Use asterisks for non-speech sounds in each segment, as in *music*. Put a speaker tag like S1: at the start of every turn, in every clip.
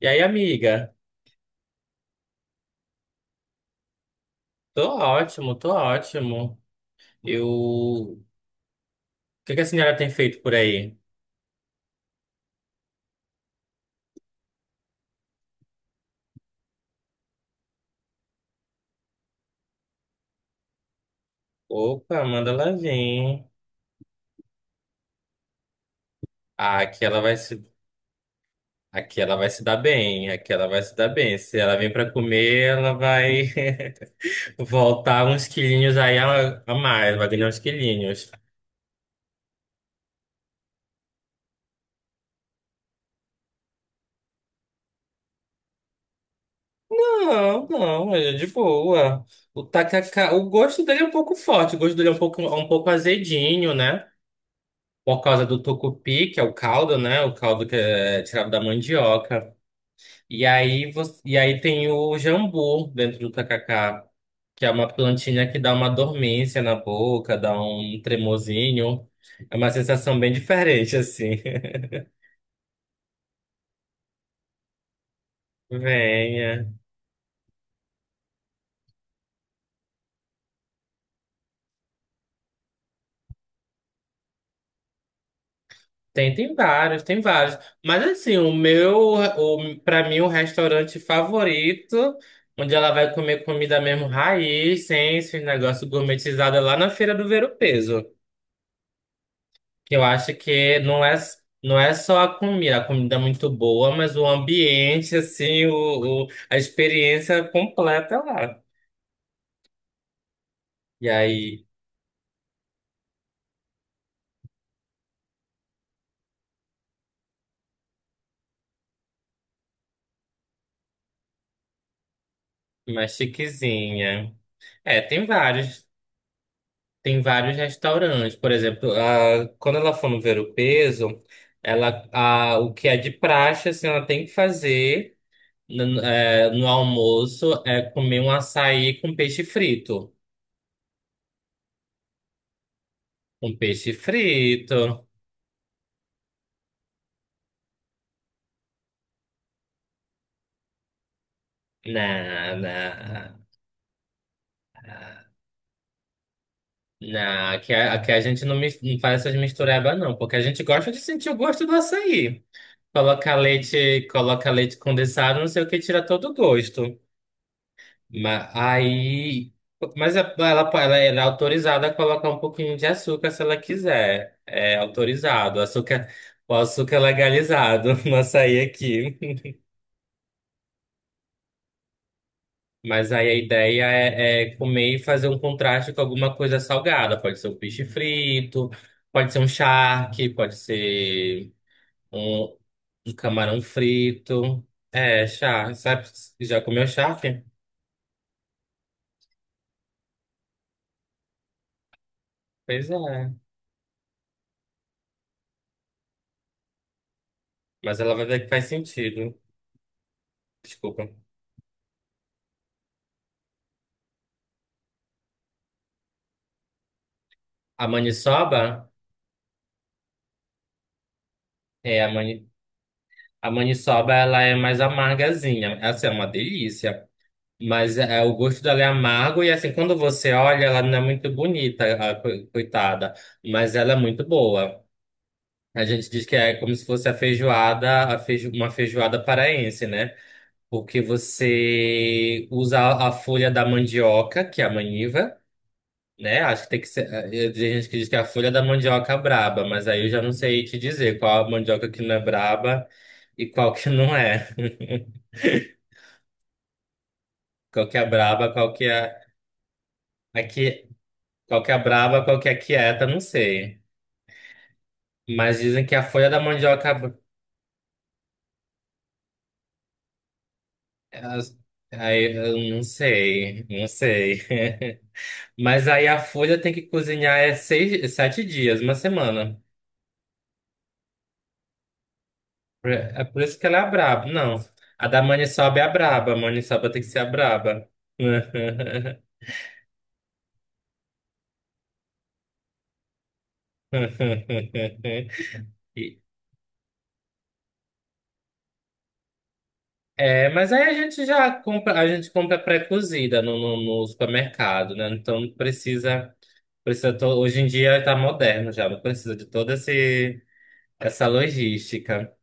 S1: E aí, amiga? Tô ótimo, tô ótimo. Eu... O que que a senhora tem feito por aí? Opa, manda ela vir. Ah, aqui ela vai se... Aqui ela vai se dar bem, aqui ela vai se dar bem. Se ela vem pra comer, ela vai *laughs* voltar uns quilinhos aí a mais, vai ganhar uns quilinhos. Não, não, ele é de boa. O tacacá, o gosto dele é um pouco forte, o gosto dele é um pouco azedinho, né? Por causa do tucupi, que é o caldo, né? O caldo que é tirado da mandioca. E aí tem o jambu dentro do tacacá, que é uma plantinha que dá uma dormência na boca, dá um tremozinho. É uma sensação bem diferente, assim. *laughs* Venha. Tem, tem vários, tem vários. Mas assim, pra mim, o restaurante favorito, onde ela vai comer comida mesmo raiz, sem esse negócio gourmetizado, é lá na Feira do Ver-o-Peso. Que eu acho que não é, não é só a comida é muito boa, mas o ambiente, assim, a experiência completa lá. E aí, mais chiquezinha. É, tem vários restaurantes. Por exemplo, a, quando ela for no Ver o Peso, o que é de praxe, assim, ela tem que fazer no almoço é comer um açaí com peixe frito. Um peixe frito. Não, não. Não, aqui, aqui a gente não, não faz essas misturebas, não, porque a gente gosta de sentir o gosto do açaí. Coloca leite condensado, não sei o que, tira todo o gosto. Mas aí. Ela é autorizada a colocar um pouquinho de açúcar se ela quiser. É autorizado. Açúcar, o açúcar é legalizado *laughs* no açaí aqui. Mas aí a ideia é, é comer e fazer um contraste com alguma coisa salgada. Pode ser um peixe frito, pode ser um charque, pode ser. um, um camarão frito. É, charque. Sabe, já comeu charque? Pois é. Mas ela vai ver que faz sentido. Desculpa. A maniçoba, é, a, mani, a maniçoba, ela é mais amargazinha. Essa é uma delícia. Mas o gosto dela é amargo e assim, quando você olha, ela não é muito bonita, a coitada. Mas ela é muito boa. A gente diz que é como se fosse a feijoada, uma feijoada paraense, né? Porque você usa a folha da mandioca, que é a maniva, né? Acho que tem que ser. Tem gente que diz que é a folha da mandioca é braba, mas aí eu já não sei te dizer qual a mandioca que não é braba e qual que não é. *laughs* Qual que é braba, qual que é aqui, qual que é braba, qual que é quieta, não sei. Mas dizem que a folha da mandioca, elas- aí eu não sei, não sei. *laughs* Mas aí a folha tem que cozinhar é seis, sete dias, uma semana. É por isso que ela é a braba. Não. A da Maniçoba é a braba. A Maniçoba tem que ser a braba. *laughs* E- É, mas aí a gente já compra, a gente compra pré-cozida no supermercado, né? Então não precisa, hoje em dia tá moderno já, não precisa de toda esse, essa logística.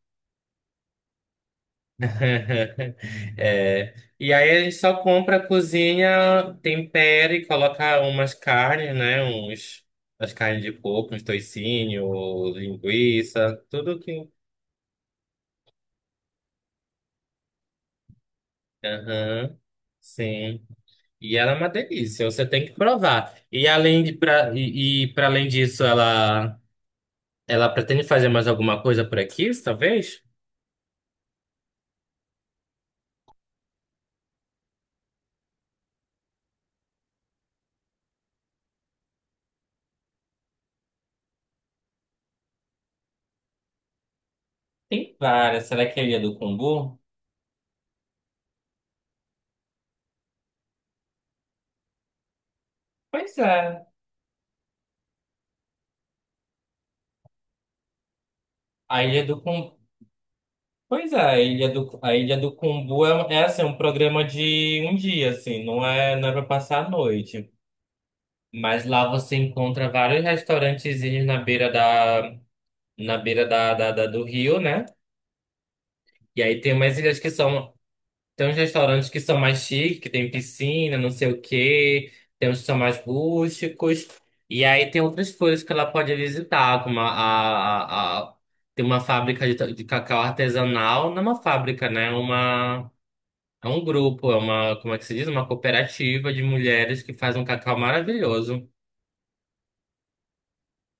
S1: *laughs* É. E aí a gente só compra, cozinha, tempera e coloca umas carnes, né? Uns, as carnes de porco, uns toicinho, linguiça, tudo que. Aham. Sim. E ela é uma delícia, você tem que provar. E além de pra, e para além disso, ela pretende fazer mais alguma coisa por aqui, talvez? Tem várias. Será que é a Ilha do Cumbu? Pois é. A Ilha do Cumbu. Pois é, a Ilha do Cumbu é, um, é assim, um programa de um dia, assim, não é, não é para passar a noite. Mas lá você encontra vários restaurantezinhos na beira da, na beira do rio, né? E aí tem umas ilhas que são, tem uns restaurantes que são mais chiques, que tem piscina, não sei o quê, tem uns que são mais rústicos. E aí tem outras coisas que ela pode visitar, como tem uma fábrica de, de cacau artesanal, não é uma fábrica, né? É uma... É um grupo, é uma, como é que se diz? Uma cooperativa de mulheres que faz um cacau maravilhoso.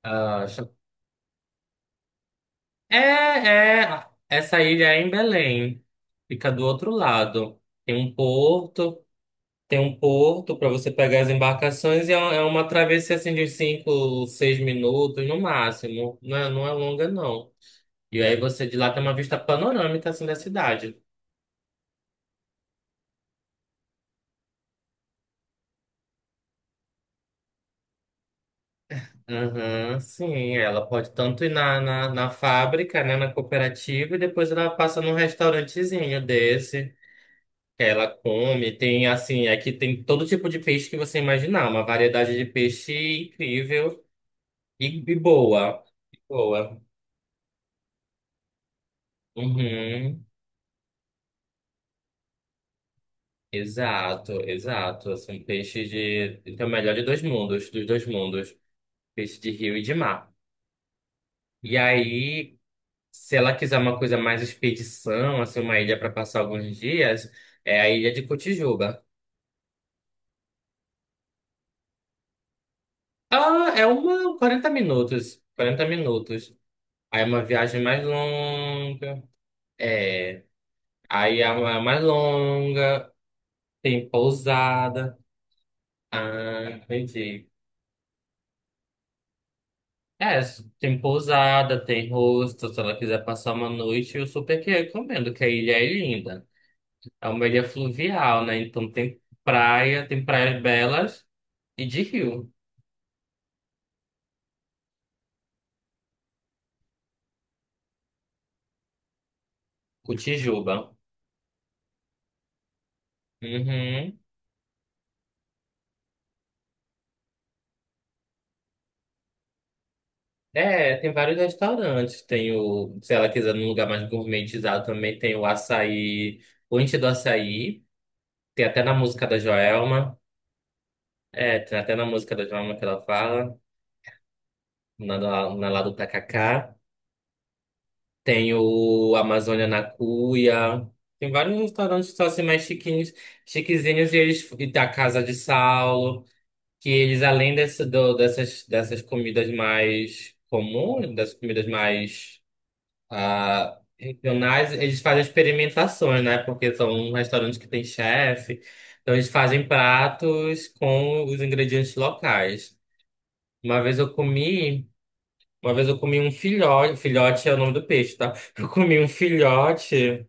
S1: Ah, é, é, essa ilha é em Belém. Fica do outro lado. Tem um porto para você pegar as embarcações e é uma travessia assim de 5, 6 minutos no máximo. Não é, não é longa, não. E aí você de lá tem uma vista panorâmica assim da cidade. Uhum, sim, ela pode tanto ir na fábrica, né, na cooperativa, e depois ela passa num restaurantezinho desse, que ela come, tem assim, aqui tem todo tipo de peixe que você imaginar, uma variedade de peixe incrível e boa, e boa. Uhum, exato, exato, assim, peixe de, tem o melhor de dois mundos, dos dois mundos, peixe de rio e de mar. E aí, se ela quiser uma coisa mais expedição, assim, uma ilha para passar alguns dias, é a ilha de Cotijuba. Ah, é uma 40 minutos, 40 minutos. Aí é uma viagem mais longa. É, aí é uma é mais longa, tem pousada. Ah, entendi. É, tem pousada, tem hostel, se ela quiser passar uma noite, eu super que recomendo, que a ilha é linda. É uma ilha fluvial, né? Então tem praia, tem praias belas e de rio. Cotijuba. Uhum. É, tem vários restaurantes. Tem o, se ela quiser num lugar mais gourmetizado também, tem o açaí, o Inti do Açaí. Tem até na música da Joelma. É, tem até na música da Joelma que ela fala, na, na lá do Tacacá. Tem o Amazônia na Cuia. Tem vários restaurantes que são assim mais chiquinhos, chiquezinhos, e eles e da Casa de Saulo, que eles, além desse, dessas comidas mais comuns, dessas comidas mais. Ah, regionais, eles fazem experimentações, né? Porque são restaurantes que têm chefe. Então eles fazem pratos com os ingredientes locais. Uma vez eu comi, uma vez eu comi um filhote, filhote é o nome do peixe, tá? *laughs* Eu comi um filhote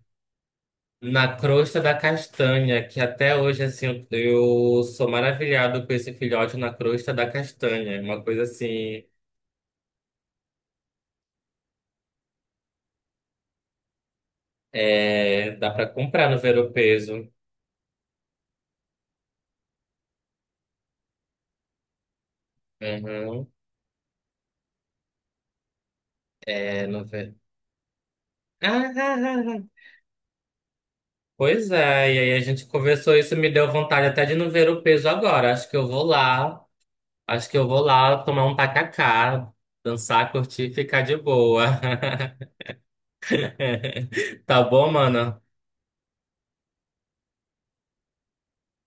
S1: na crosta da castanha, que até hoje assim eu sou maravilhado com esse filhote na crosta da castanha. É uma coisa assim, é, dá pra comprar no Ver o Peso. Uhum. É, no, *laughs* Ah, ah, ah. Pois é, e aí a gente conversou isso, me deu vontade até de não ver o peso agora. Acho que eu vou lá, acho que eu vou lá tomar um tacacá, dançar, curtir e ficar de boa. *laughs* Tá bom, mano?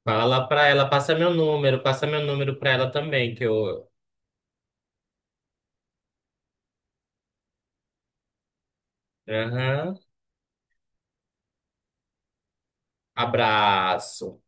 S1: Fala lá pra ela, passa meu número pra ela também, que eu. Aham. Abraço.